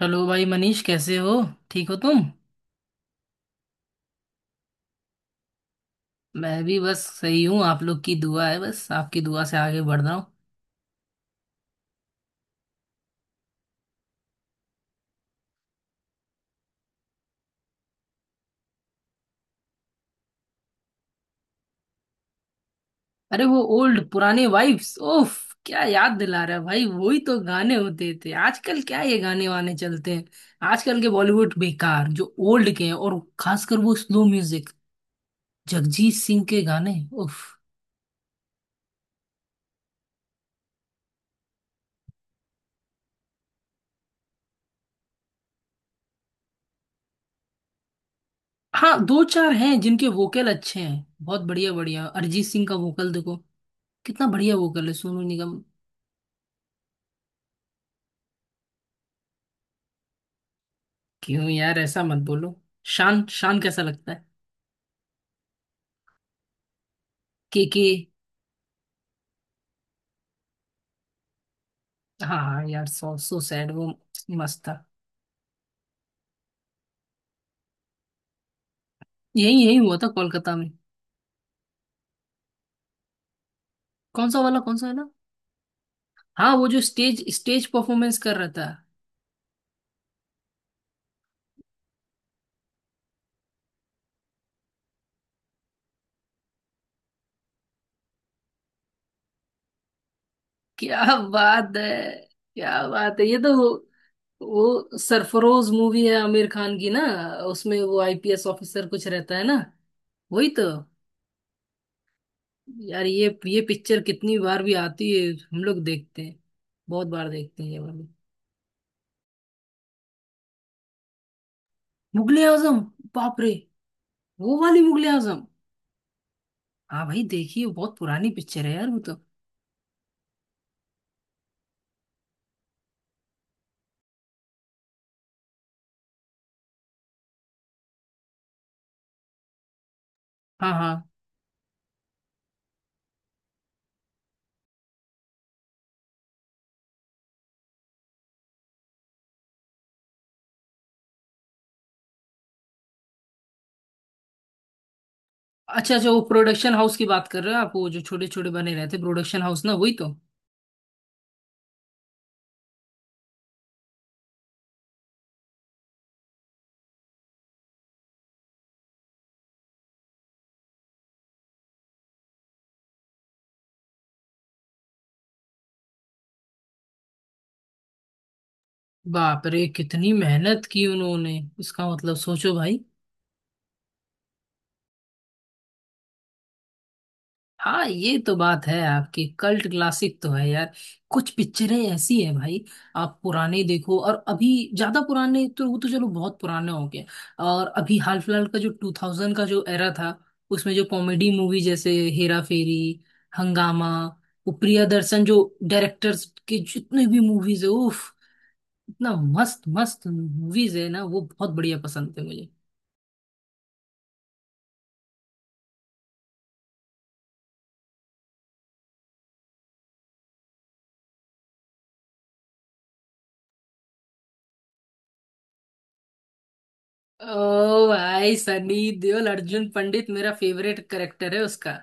Hello भाई मनीष, कैसे हो? ठीक हो तुम? मैं भी बस सही हूँ, आप लोग की दुआ है। बस आपकी दुआ से आगे बढ़ रहा हूँ। अरे वो ओल्ड पुराने वाइब्स ओफ, क्या याद दिला रहा है भाई। वही तो गाने होते थे। आजकल क्या ये गाने वाने चलते हैं? आजकल के बॉलीवुड बेकार, जो ओल्ड के हैं, और खासकर वो स्लो म्यूजिक, जगजीत सिंह के गाने, उफ। हाँ, दो चार हैं जिनके वोकल अच्छे हैं, बहुत बढ़िया बढ़िया, अरिजीत सिंह का वोकल देखो, कितना बढ़िया वोकल है। सोनू निगम। क्यों यार, ऐसा मत बोलो। शान, शान कैसा लगता है? के के। हाँ हाँ यार, सो सैड वो। मस्त था। यही यही हुआ था कोलकाता में। कौन सा वाला? कौन सा है ना। हाँ, वो जो स्टेज स्टेज परफॉर्मेंस कर रहा था। क्या बात है। क्या बात है, ये तो वो सरफरोश मूवी है आमिर खान की ना। उसमें वो आईपीएस ऑफिसर कुछ रहता है ना। वही तो। यार ये पिक्चर कितनी बार भी आती है, हम लोग देखते हैं। बहुत बार देखते हैं ये वाली। मुगले आजम। बाप रे। वो वाली मुगले आजम। हाँ भाई, देखिए वो बहुत पुरानी पिक्चर है यार, वो तो। हाँ हाँ। अच्छा अच्छा, वो प्रोडक्शन हाउस की बात कर रहे हो आप, वो जो छोटे छोटे बने रहते प्रोडक्शन हाउस ना, वही तो। बाप रे, कितनी मेहनत की उन्होंने, इसका मतलब सोचो भाई। हाँ, ये तो बात है आपकी, कल्ट क्लासिक तो है यार। कुछ पिक्चरें ऐसी हैं भाई, आप पुराने देखो और अभी, ज्यादा पुराने तो वो तो चलो बहुत पुराने हो गए। और अभी हाल फिलहाल का जो 2000 का जो एरा था, उसमें जो कॉमेडी मूवी, जैसे हेरा फेरी, हंगामा, वो प्रियदर्शन जो डायरेक्टर्स के जितने भी मूवीज है, उफ, इतना मस्त मस्त मूवीज है ना वो, बहुत बढ़िया पसंद थे मुझे। ओ भाई, सनी देओल अर्जुन पंडित मेरा फेवरेट करेक्टर है उसका।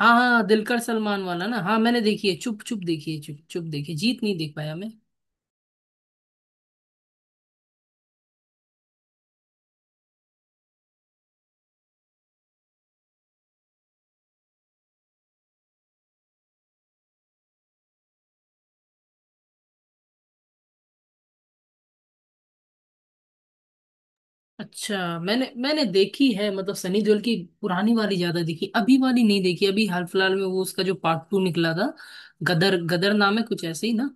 हाँ हाँ, दिलकर सलमान वाला ना। हाँ मैंने देखी है, चुप चुप देखी है, चुप चुप देखी है, जीत नहीं देख पाया मैं। अच्छा, मैंने मैंने देखी है, मतलब सनी देओल की पुरानी वाली ज्यादा देखी, अभी वाली नहीं देखी। अभी हाल फिलहाल में वो, उसका जो पार्ट टू निकला था, गदर, गदर नाम है कुछ ऐसे ही ना।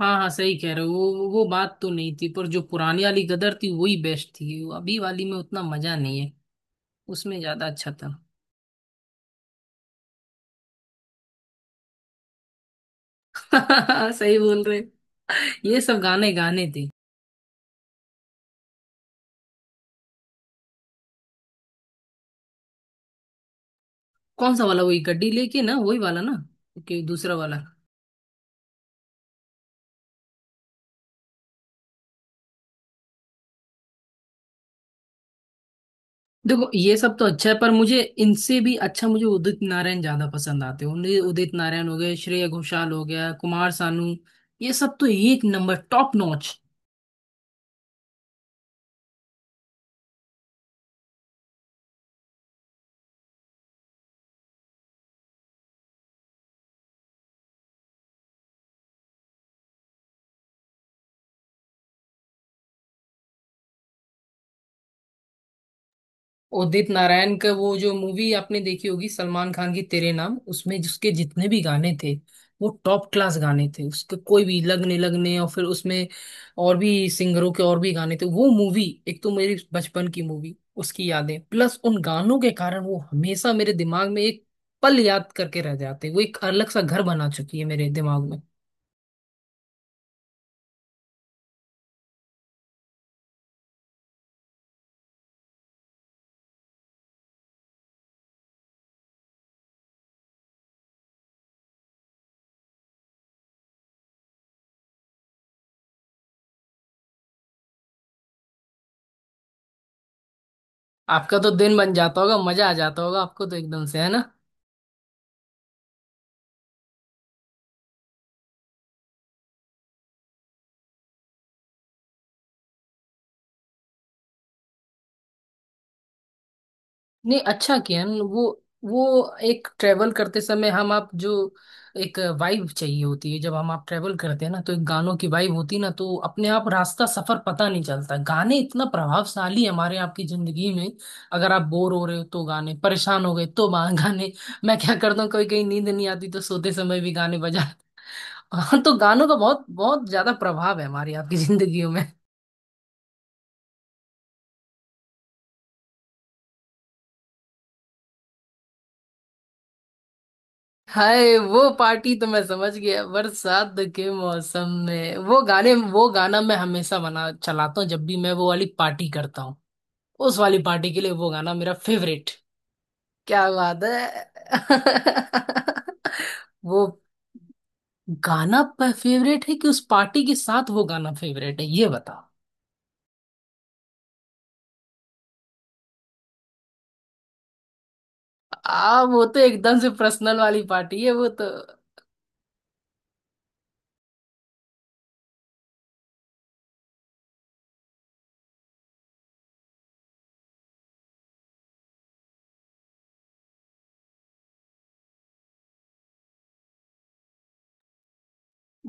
हाँ हाँ सही कह रहे हो, वो बात तो नहीं थी, पर जो पुरानी वाली गदर थी वही बेस्ट थी। वो अभी वाली में उतना मजा नहीं है। उसमें ज्यादा अच्छा था। सही बोल रहे। ये सब गाने गाने थे। कौन सा वाला? वही गड्डी लेके ना, वही वाला ना? ओके, दूसरा वाला। देखो ये सब तो अच्छा है, पर मुझे इनसे भी अच्छा, मुझे उदित नारायण ज्यादा पसंद आते हैं, उन्हें। उदित नारायण हो गए, श्रेया घोषाल हो गया, कुमार सानू, ये सब तो एक number top notch. Udit Narayan का वो जो मूवी आपने देखी होगी, सलमान खान की तेरे नाम, उसमें जिसके जितने भी गाने थे, वो टॉप क्लास गाने थे उसके, कोई भी लगने लगने, और फिर उसमें और भी सिंगरों के और भी गाने थे। वो मूवी एक तो मेरी बचपन की मूवी, उसकी यादें प्लस उन गानों के कारण वो हमेशा मेरे दिमाग में, एक पल याद करके रह जाते, वो एक अलग सा घर बना चुकी है मेरे दिमाग में। आपका तो दिन बन जाता होगा, मजा आ जाता होगा आपको तो एकदम से, है ना? नहीं, अच्छा किया न, वो एक ट्रेवल करते समय हम आप जो, एक वाइब चाहिए होती है। जब हम आप ट्रेवल करते हैं ना, तो एक गानों की वाइब होती है ना, तो अपने आप रास्ता सफर पता नहीं चलता। गाने इतना प्रभावशाली है हमारे आपकी जिंदगी में। अगर आप बोर हो रहे हो तो गाने, परेशान हो गए तो गाने। मैं क्या करता हूँ, कभी कहीं नींद नहीं आती तो सोते समय भी गाने बजा। हाँ, तो गानों का बहुत बहुत ज्यादा प्रभाव है हमारी आपकी जिंदगी। हाय, वो पार्टी तो मैं समझ गया, बरसात के मौसम में। वो गाने, वो गाना मैं हमेशा बना चलाता हूँ, जब भी मैं वो वाली पार्टी करता हूँ। उस वाली पार्टी के लिए वो गाना मेरा फेवरेट। क्या बात है। वो गाना फेवरेट है कि उस पार्टी के साथ वो गाना फेवरेट है, ये बताओ। आ, वो तो एकदम से पर्सनल वाली पार्टी है वो तो।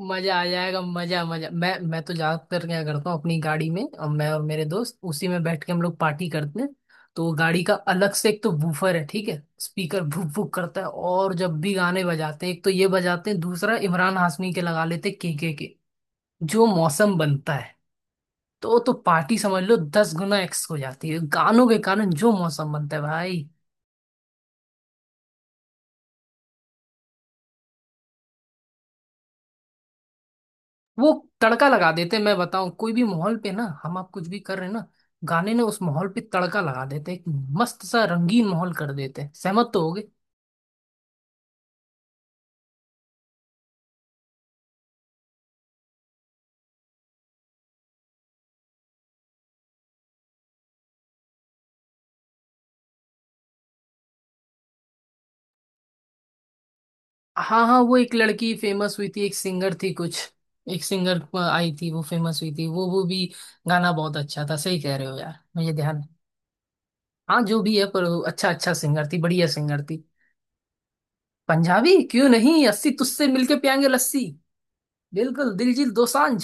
मजा आ जाएगा, मजा मजा। मैं तो ज्यादातर क्या करता हूँ, अपनी गाड़ी में, और मैं और मेरे दोस्त उसी में बैठ के हम लोग पार्टी करते हैं। तो गाड़ी का अलग से एक तो वूफर है ठीक है, स्पीकर भुक भुक करता है, और जब भी गाने बजाते हैं, एक तो ये बजाते हैं, दूसरा इमरान हाशमी के लगा लेते हैं, के, जो मौसम बनता है, तो पार्टी समझ लो 10 गुना एक्स हो जाती है। गानों के कारण जो मौसम बनता है भाई, वो तड़का लगा देते हैं। मैं बताऊं, कोई भी माहौल पे ना हम आप कुछ भी कर रहे हैं ना, गाने ने उस माहौल पे तड़का लगा देते हैं, एक मस्त सा रंगीन माहौल कर देते हैं। सहमत तो होगे। हाँ हाँ, वो एक लड़की फेमस हुई थी, एक सिंगर थी कुछ, एक सिंगर आई थी, वो फेमस हुई थी वो भी गाना बहुत अच्छा था। सही कह रहे हो यार, मुझे ध्यान। हाँ जो भी है, पर वो अच्छा, अच्छा सिंगर थी, बढ़िया सिंगर थी। पंजाबी, क्यों नहीं, अस्सी तुझसे मिलके पियांगे लस्सी। बिल्कुल, दिलजीत दोसांझ।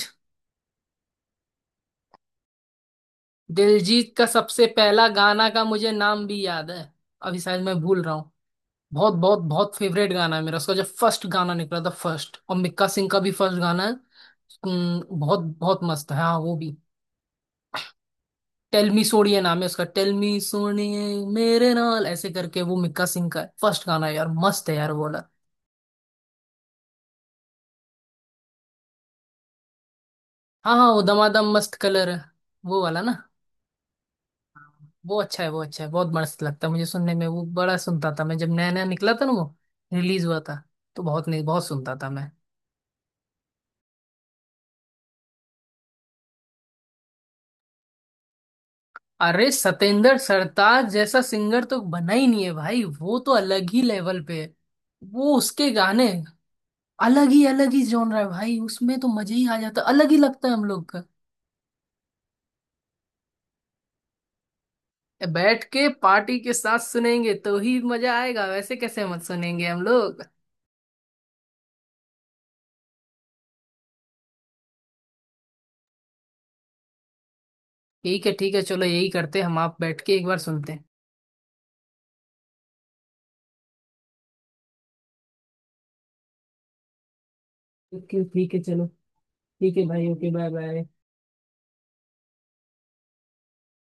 दिलजीत का सबसे पहला गाना का मुझे नाम भी याद है, अभी शायद मैं भूल रहा हूँ। बहुत बहुत बहुत फेवरेट गाना है मेरा, उसका जब फर्स्ट गाना निकला था, फर्स्ट। और मिक्का सिंह का भी फर्स्ट गाना है। बहुत बहुत मस्त है, हाँ वो भी। टेल मी सोनिए नाम है उसका, टेल मी सोनिए मेरे नाल ऐसे करके, वो मिक्का सिंह का फर्स्ट गाना है यार, मस्त है यार वो वाला। हाँ हाँ, वो दमादम मस्त कलर है, वो वाला ना? वो अच्छा है, वो अच्छा है, बहुत मस्त लगता है मुझे सुनने में वो। बड़ा सुनता था मैं जब नया नया निकला था ना वो, रिलीज हुआ था। तो बहुत नहीं, बहुत सुनता था मैं। अरे सतेंद्र सरताज जैसा सिंगर तो बना ही नहीं है भाई, वो तो अलग ही लेवल पे है। वो उसके गाने, अलग ही, अलग ही जॉनर है भाई, उसमें तो मजा ही आ जाता है, अलग ही लगता है हम लोग का। ए, बैठ के पार्टी के साथ सुनेंगे तो ही मजा आएगा, वैसे कैसे मत सुनेंगे हम लोग। ठीक है चलो, यही करते हैं, हम आप बैठ के एक बार सुनते हैं। ठीक है चलो। ठीक है भाई, ओके, बाय बाय।